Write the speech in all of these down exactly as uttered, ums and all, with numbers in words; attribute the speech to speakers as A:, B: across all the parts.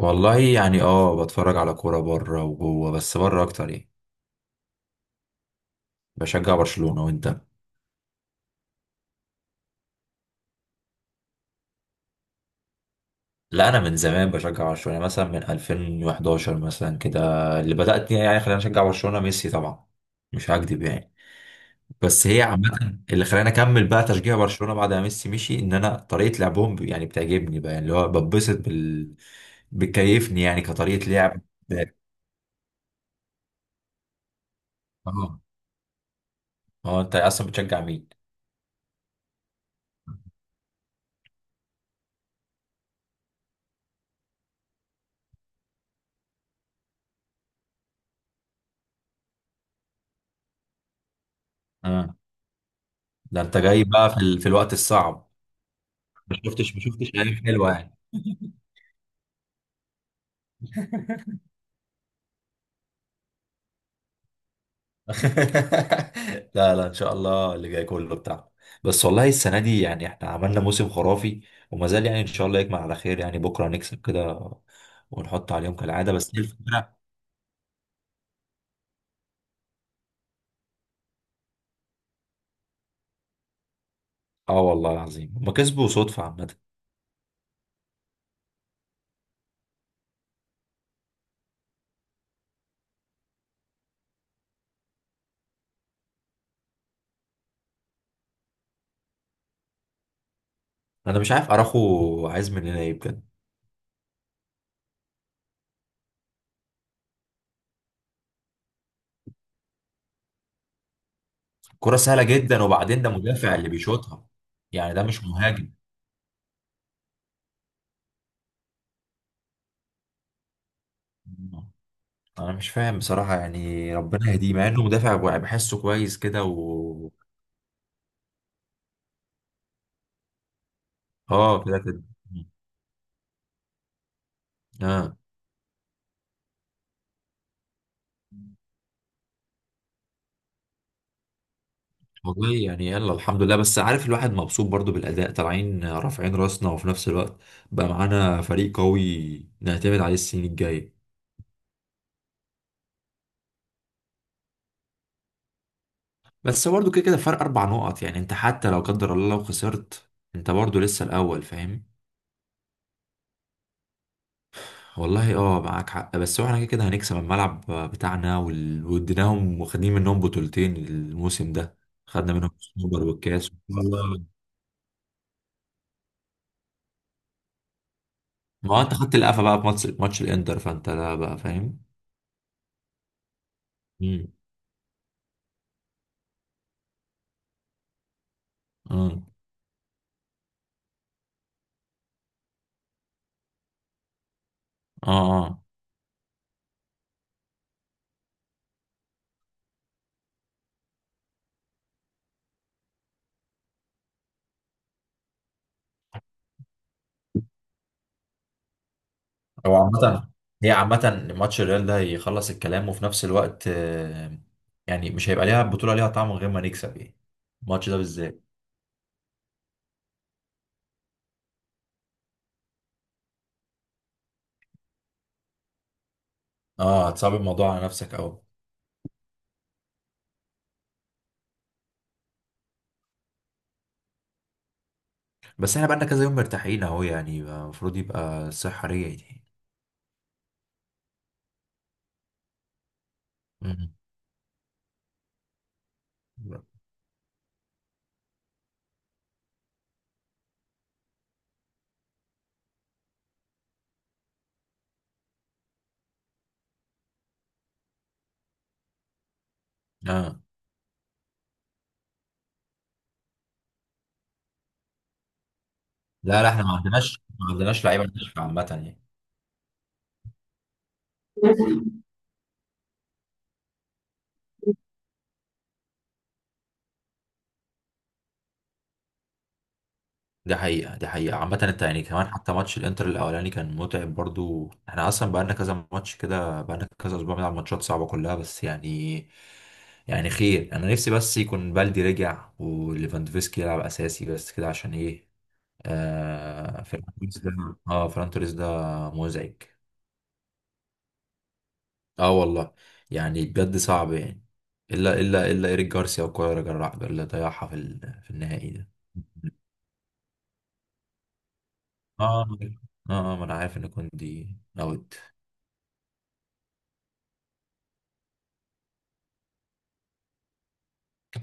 A: والله يعني اه بتفرج على كورة بره وجوه، بس بره اكتر يعني. بشجع برشلونة، وانت؟ لا، انا من زمان بشجع برشلونة مثلا من ألفين وحداشر مثلا كده. اللي بدأت يعني خلاني اشجع برشلونة ميسي طبعا. مش هكدب يعني. بس هي عامة اللي خلاني اكمل بقى تشجيع برشلونة بعد ما ميسي مشي، ان انا طريقة لعبهم ب- يعني بتعجبني بقى، اللي هو ببسط بال. بتكيفني يعني كطريقة لعب. اه، اه، انت اصلا بتشجع مين؟ اه، ده انت جاي بقى في, ال... في الوقت الصعب. ما شفتش ما شفتش ايام حلوه يعني. لا، لا، ان شاء الله اللي جاي كله بتاع. بس والله السنه دي يعني احنا عملنا موسم خرافي. وما زال يعني ان شاء الله يكمل على خير، يعني بكره نكسب كده ونحط عليهم كالعاده، بس هي الفكره. اه، والله العظيم هما كسبوا صدفه عامه. انا مش عارف اراخو عايز مننا ايه بجد. كره سهله جدا، وبعدين ده مدافع اللي بيشوطها. يعني ده مش مهاجم. انا مش فاهم بصراحه، يعني ربنا يهديه مع انه مدافع بحسه كويس كده و اه، كده كده. اه، والله يعني يلا الحمد لله، بس عارف الواحد مبسوط برضو بالأداء، طالعين رافعين راسنا، وفي نفس الوقت بقى معانا فريق قوي نعتمد عليه السنين الجاية. بس برضو كده كده فرق أربع نقط، يعني أنت حتى لو قدر الله لو خسرت، أنت برضو لسه الأول، فاهم. والله، اه معاك حق، بس هو احنا كده كده هنكسب الملعب بتاعنا، وال- واديناهم واخدين منهم بطولتين الموسم ده. خدنا منهم السوبر والكاس والله. ما هو انت خدت القفا بقى في ماتش ماتش الانتر، فانت لا بقى، فاهم. مم. اه، اه. هو عامة، هي عامة ماتش الريال ده هيخلص الكلام، وفي نفس الوقت آه، يعني مش هيبقى ليها بطولة ليها طعم من غير ما نكسب يعني، الماتش ده بالذات. اه، هتصعب الموضوع على نفسك قوي. بس احنا بقالنا كذا يوم مرتاحين اهو، يعني المفروض يبقى الصحة رجعت يعني. مم. اه، لا، لا، احنا ما عندناش ما عندناش لعيبة ناشفة عامة يعني. دي حقيقة، دي حقيقة عامة، انت يعني كمان حتى ماتش الانتر الاولاني كان متعب برضو، احنا اصلا بقالنا كذا ماتش كده، بقالنا كذا اسبوع بنلعب ماتشات صعبة كلها، بس يعني يعني خير، انا نفسي بس يكون بالدي رجع وليفاندوفسكي يلعب اساسي بس كده، عشان ايه. آه، فيران توريس ده. اه، فيران توريس ده مزعج. اه والله، يعني بجد صعب يعني. الا الا الا ايريك جارسيا وكولر جرع اللي ضيعها في ال- في النهائي ده. اه، اه، آه، ما انا عارف ان كوندي اوت.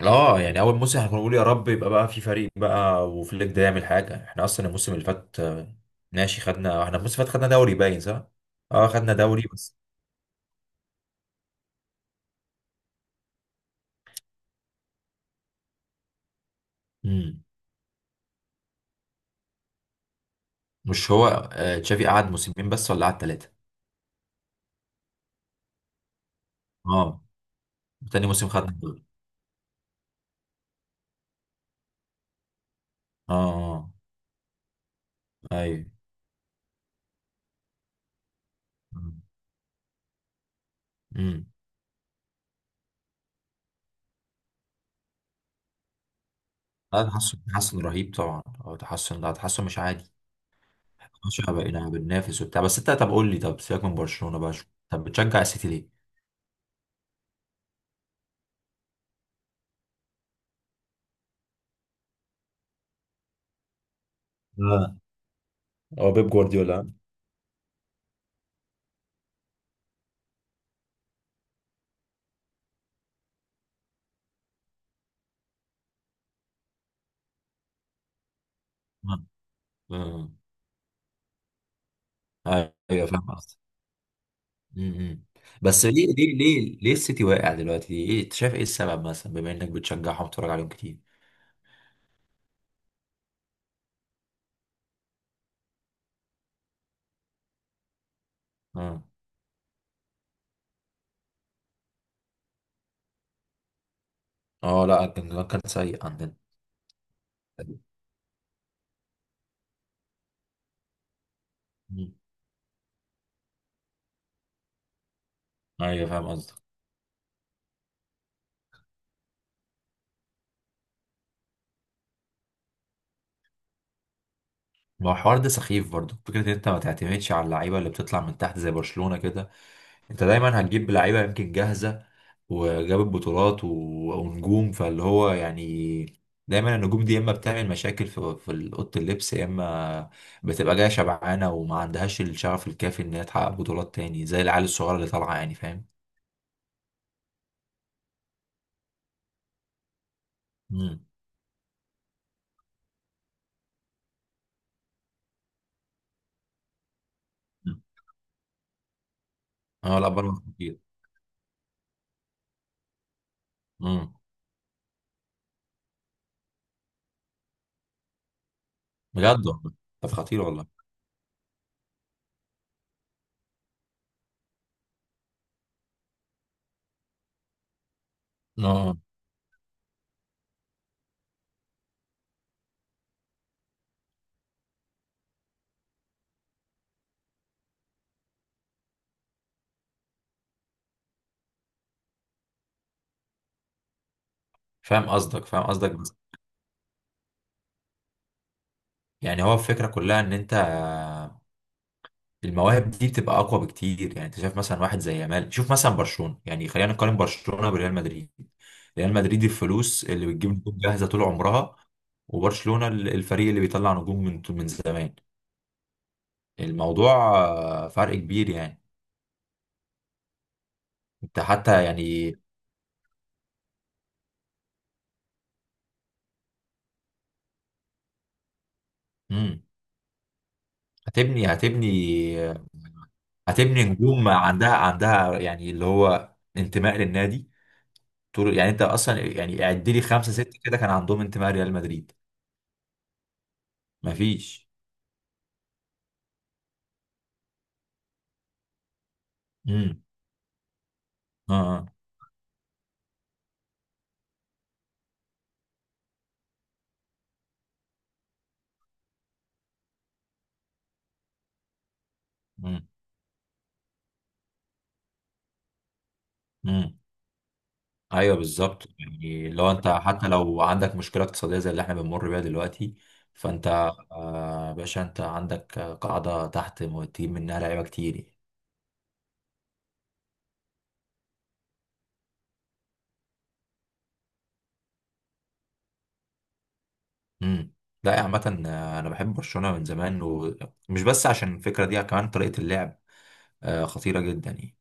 A: اه، يعني اول موسم احنا كنا بنقول يا رب يبقى بقى في فريق بقى، وفليك ده يعمل حاجه. احنا اصلا الموسم اللي فات آه، ماشي، خدنا احنا الموسم اللي فات، خدنا دوري، باين صح؟ اه، خدنا دوري بس. امم. مش هو آه، تشافي قعد موسمين بس ولا قعد ثلاثه؟ اه، تاني موسم خدنا الدوري. اه، اه، آه. ايوه. امم. لا، تحسن تحسن رهيب طبعا، اه، تحسن، لا، تحسن مش عادي. مش بقينا بننافس وبتاع، بس انت طب قول لي، طب سيبك من برشلونه بقى، شو؟ طب بتشجع السيتي ليه؟ اه، هو بيب جوارديولا. آه. آه. ايوه، فاهم قصدك. أمم. بس ليه ليه ليه ليه السيتي واقع دلوقتي؟ ايه انت شايف ايه السبب، مثلا بما انك بتشجعهم وبتتفرج عليهم كتير؟ اه، اه، لا، كان كان سيء عندنا. أمم. ايوه، فاهم قصدك. ما هو الحوار ده سخيف برضو، فكرة ان انت ما تعتمدش على اللعيبة اللي بتطلع من تحت زي برشلونة كده. انت دايما هتجيب لعيبة يمكن جاهزة وجابت بطولات و... ونجوم، فاللي هو يعني دايما النجوم دي يا اما بتعمل مشاكل في في اوضه اللبس، يا اما بتبقى جايه شبعانه وما عندهاش الشغف الكافي ان هي تحقق بطولات تاني زي العيال الصغيره اللي طالعه، يعني فاهم. امم. اه، لا، بره خطير. امم. بجد والله. طب خطير والله. اه، فاهم قصدك، فاهم قصدك، بس يعني هو الفكره كلها ان انت المواهب دي بتبقى اقوى بكتير، يعني انت شايف مثلا واحد زي يامال. شوف مثلا برشلونه، يعني خلينا نقارن برشلونه بريال مدريد. ريال مدريد الفلوس اللي بتجيب نجوم جاهزه طول عمرها، وبرشلونه ال- الفريق اللي بيطلع نجوم من من زمان. الموضوع آه، فرق كبير يعني. انت حتى يعني مم. هتبني هتبني هتبني نجوم عندها عندها يعني اللي هو انتماء للنادي. طول، يعني انت اصلا يعني اعد لي خمسه سته كده، كان عندهم انتماء ريال مدريد. مفيش. امم. اه، آه. مم. مم. ايوه، بالظبط، يعني لو انت حتى لو عندك مشكله اقتصاديه زي اللي احنا بنمر بيها دلوقتي، فانت آه، باشا انت عندك آه، قاعده تحت م- تجيب منها لعيبه كتير يعني. مم. لا، عامه آه، انا بحب برشلونه من زمان، ومش بس عشان الفكره دي، كمان طريقه اللعب آه، خطيره جدا يعني.